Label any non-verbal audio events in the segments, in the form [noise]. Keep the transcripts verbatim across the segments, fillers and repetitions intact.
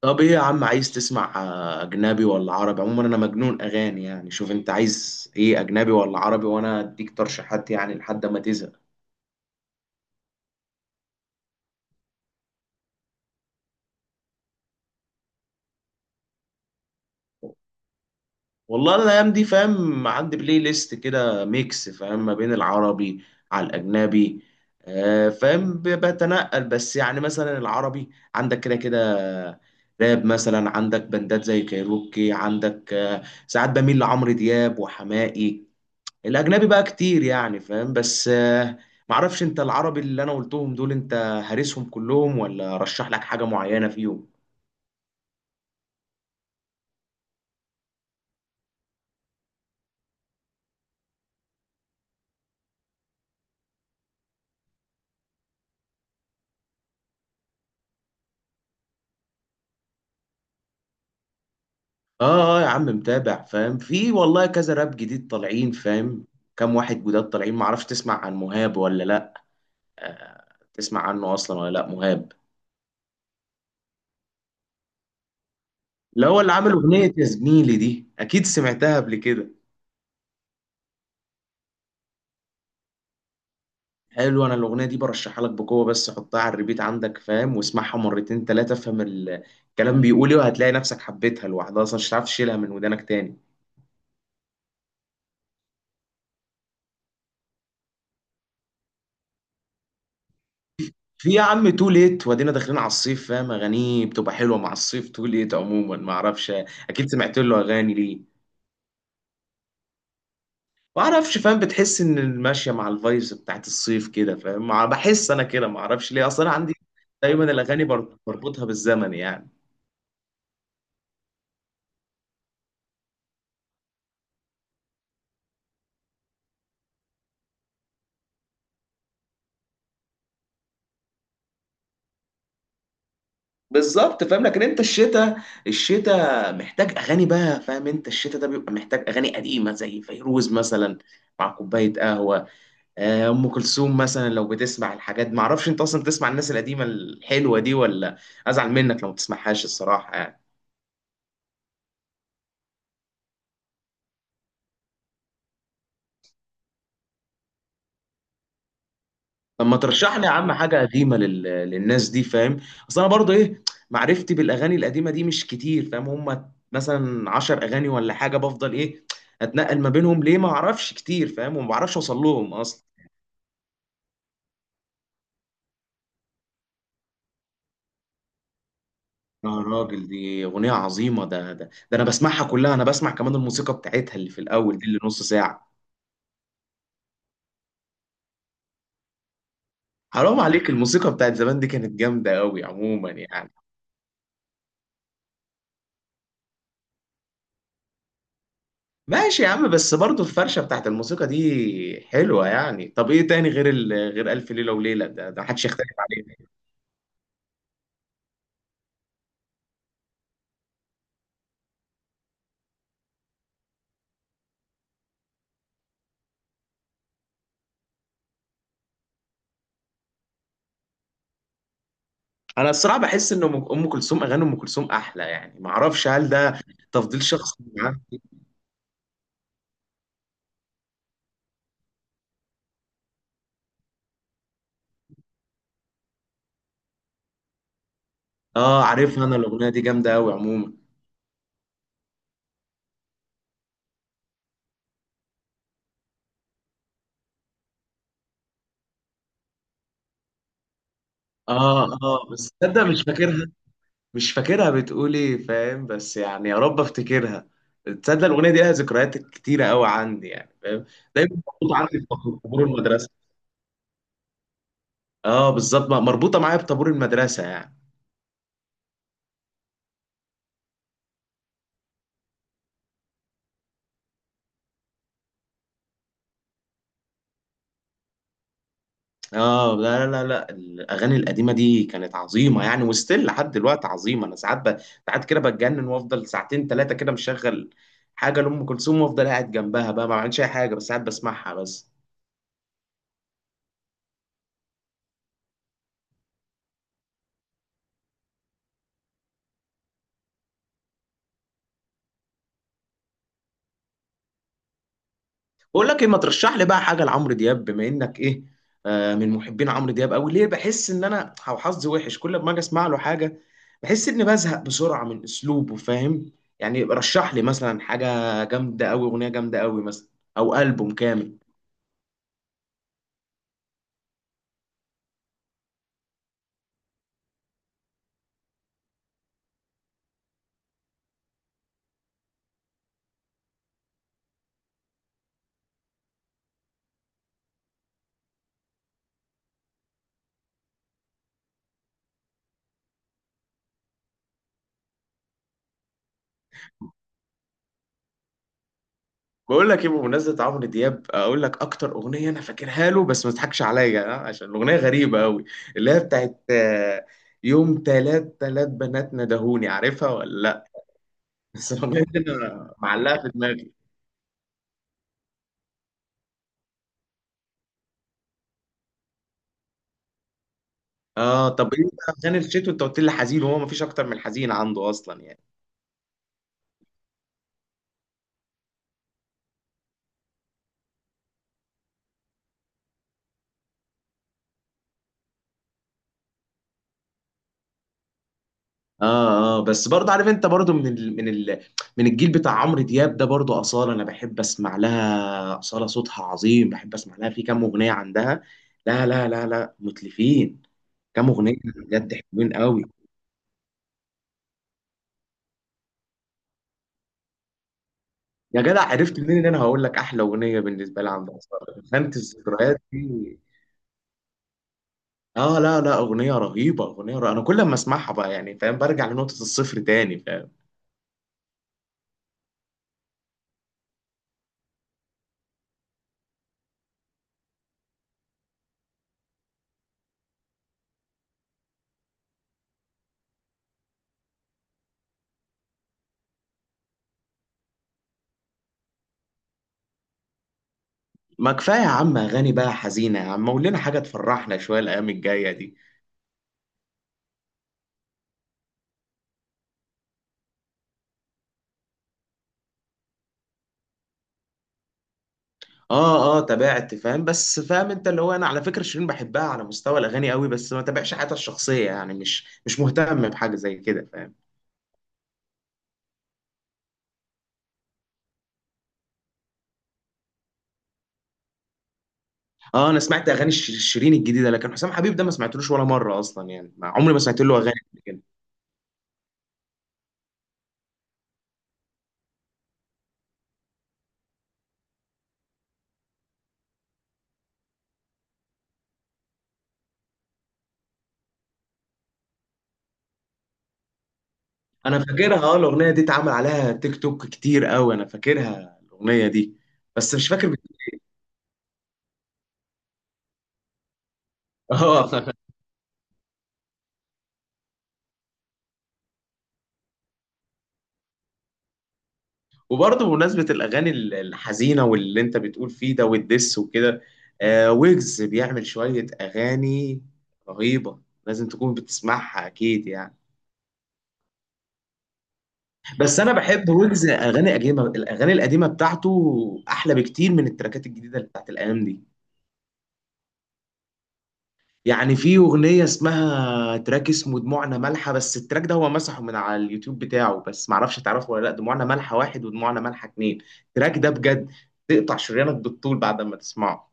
طب ايه يا عم عايز تسمع آه، اجنبي ولا عربي؟ عموما انا مجنون اغاني يعني. شوف انت عايز ايه، اجنبي ولا عربي، وانا اديك ترشيحات يعني لحد ما تزهق. والله الايام دي فاهم، عندي بلاي ليست كده ميكس فاهم، ما بين العربي على الاجنبي. آه، فاهم، ب- بتنقل. بس يعني مثلا العربي عندك كده كده راب مثلا، عندك بندات زي كايروكي، عندك آه، ساعات بميل لعمرو دياب وحماقي. الاجنبي بقى كتير يعني فاهم. بس آه، معرفش، انت العربي اللي انا قلتهم دول انت هارسهم كلهم ولا رشح لك حاجة معينة فيهم؟ اه اه يا عم متابع فاهم. في والله كذا راب جديد طالعين فاهم، كام واحد جداد طالعين. معرفش تسمع عن مهاب ولا لا؟ آه، تسمع عنه اصلا ولا لا؟ مهاب اللي هو اللي عامل اغنية يا زميلي دي، اكيد سمعتها قبل كده. حلو، انا الاغنيه دي برشحها لك بقوه، بس حطها على الريبيت عندك فاهم، واسمعها مرتين ثلاثه افهم ال- الكلام بيقول ايه، وهتلاقي نفسك حبيتها لوحدها اصلا، مش هتعرف تشيلها من ودانك تاني. في يا عم تو ليت، وادينا داخلين على الصيف فاهم، اغانيه بتبقى حلوه مع الصيف. تو ليت عموما ما اعرفش، اكيد سمعت له اغاني. ليه؟ ما اعرفش فاهم، بتحس ان ماشيه مع الفايبس بتاعت الصيف كده فاهم. مع- بحس انا كده، ما اعرفش ليه اصلا. أنا عندي دايما الاغاني بر- بربطها بالزمن يعني. بالظبط فاهم. لكن انت الشتاء، الشتاء محتاج اغاني بقى فاهم، انت الشتاء ده بيبقى محتاج اغاني قديمه زي فيروز مثلا مع كوبايه قهوه. آه، ام كلثوم مثلا لو بتسمع الحاجات، ما اعرفش انت اصلا بتسمع الناس القديمه الحلوه دي ولا؟ ازعل منك لو ما بتسمعهاش الصراحه يعني. طب ما ترشح لي يا عم حاجه قديمه لل... للناس دي فاهم. اصل انا برضو ايه، معرفتي بالاغاني القديمه دي مش كتير فاهم. هم مثلا عشر اغاني ولا حاجه، بفضل ايه اتنقل ما بينهم؟ ليه؟ ما اعرفش كتير فاهم، وما بعرفش اوصل لهم اصلا. يا راجل دي أغنية عظيمة. ده ده ده أنا بسمعها كلها، أنا بسمع كمان الموسيقى بتاعتها اللي في الأول دي اللي نص ساعة. حرام عليك، الموسيقى بتاعت زمان دي كانت جامدة أوي عموما يعني. ماشي يا عم، بس برضه الفرشة بتاعت الموسيقى دي حلوة يعني. طب إيه تاني غير ال... غير ألف ليلة وليلة؟ ده ده محدش يختلف عليه. أنا الصراحة بحس إن أم أم كلثوم، أغاني أم كلثوم أحلى يعني، معرفش هل ده تفضيل شخصي عندي. آه عارفها، أنا الأغنية دي جامدة أوي عموما. آه آه، بس تصدق مش فاكرها، مش فاكرها بتقول ايه فاهم، بس يعني يا رب افتكرها. تصدق الاغنيه دي لها ذكريات كتيره قوي عندي يعني فاهم، دايما مربوطه عندي بطابور المدرسه. اه بالظبط، م- مربوطه معايا بطابور المدرسه يعني. اه لا لا لا لا، الاغاني القديمه دي كانت عظيمه يعني، وستيل لحد دلوقتي عظيمه. انا ساعات ب... ساعات كده بتجنن، وافضل ساعتين ثلاثه كده مشغل حاجه لام كلثوم، وافضل قاعد جنبها بقى ما بعملش اي حاجه، بس ساعات بسمعها بس. بقول لك ايه، ما ترشح لي بقى حاجه لعمرو دياب بما انك ايه، آه من محبين عمرو دياب قوي. ليه بحس ان انا أو حظي وحش، كل ما اجي اسمع له حاجه بحس اني بزهق بسرعه من اسلوبه فاهم. يعني رشح لي مثلا حاجه جامده قوي، اغنيه جامده قوي مثلا، او البوم كامل. بقول لك ايه، بمناسبه عمرو دياب اقول لك اكتر اغنيه انا فاكرها له، بس ما تضحكش عليا آه، عشان الاغنيه غريبه قوي، اللي هي بتاعت آه، يوم تلات تلات بنات ندهوني، عارفها ولا لا؟ [laughs] بس الاغنيه دي أنا معلقه في دماغي. اه طب ايه بقى غني الشتوي؟ انت قلت لي حزين، وهو مفيش اكتر من حزين عنده اصلا يعني. اه اه، بس برضه عارف انت برضه من ال من ال من الجيل بتاع عمرو دياب ده، برضه اصاله انا بحب اسمع لها، اصاله صوتها عظيم، بحب اسمع لها في كام اغنيه عندها. لا لا لا لا متلفين، كام اغنيه بجد حلوين قوي. يا جدع عرفت منين ان انا هقول لك احلى اغنيه بالنسبه لي عند اصاله، خانت الذكريات دي؟ اه لا لا، اغنيه رهيبه، اغنيه رهيبة. انا كل ما اسمعها بقى يعني فاهم، برجع لنقطه الصفر تاني فاهم. ما كفاية يا عم أغاني بقى حزينة يا عم، قول لنا حاجة تفرحنا شوية الأيام الجاية دي. آه آه تابعت فاهم، بس فاهم أنت اللي هو، أنا على فكرة شيرين بحبها على مستوى الأغاني قوي، بس ما تابعش حياتها الشخصية يعني، مش مش مهتم بحاجة زي كده فاهم. آه أنا سمعت أغاني ش- شيرين الجديدة، لكن حسام حبيب ده ما سمعتلوش ولا مرة أصلا يعني، ما عمري ما سمعت له أغاني قبل كده. أنا فاكرها آه، الأغنية دي اتعمل عليها تيك توك كتير قوي، أنا فاكرها الأغنية دي، بس مش فاكر بت- [laughs] آه. وبرضه بمناسبة الأغاني ال- الحزينة، واللي أنت بتقول فيه ده والدس وكده، آه ويجز بيعمل شوية أغاني رهيبة، لازم تكون بتسمعها أكيد يعني. بس أنا بحب ويجز أغاني قديمة، الأغاني القديمة بتاعته أحلى بكتير من التراكات الجديدة اللي بتاعت الأيام دي. يعني في أغنية اسمها تراك اسمه دموعنا مالحة، بس التراك ده هو مسحه من على اليوتيوب بتاعه، بس معرفش تعرفه ولا لأ. دموعنا مالحة واحد ودموعنا مالحة اتنين، التراك ده بجد تقطع شريانك بالطول بعد ما تسمعه.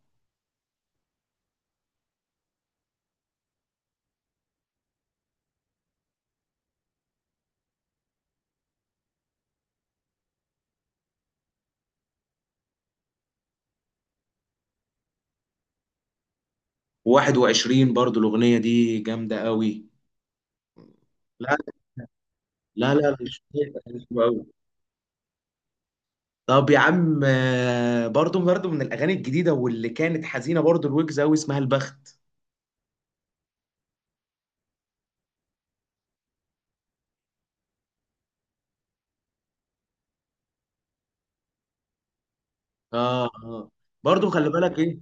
و21 برضو الأغنية دي جامدة قوي. لا لا لا، مش مش حلوة قوي. طب يا عم آه، برضو برضو من الأغاني الجديدة واللي كانت حزينة، برضو الويجز قوي اسمها البخت. اه اه، برضو خلي بالك ايه،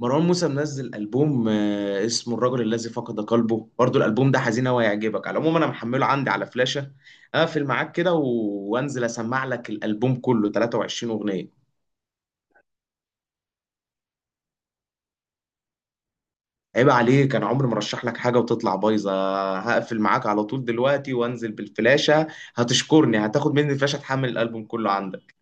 مروان موسى منزل ألبوم آه، اسمه الرجل الذي فقد قلبه، برضو الألبوم ده حزين أوي هيعجبك على العموم. أنا محمله عندي على فلاشة، أقفل معاك كده و- وأنزل أسمع لك الألبوم كله تلات وعشرين أغنية. عيب عليك، انا عمري ما رشح لك حاجه وتطلع بايظه. هقفل معاك على طول دلوقتي وانزل بالفلاشه، هتشكرني، هتاخد مني الفلاشه تحمل الالبوم كله عندك.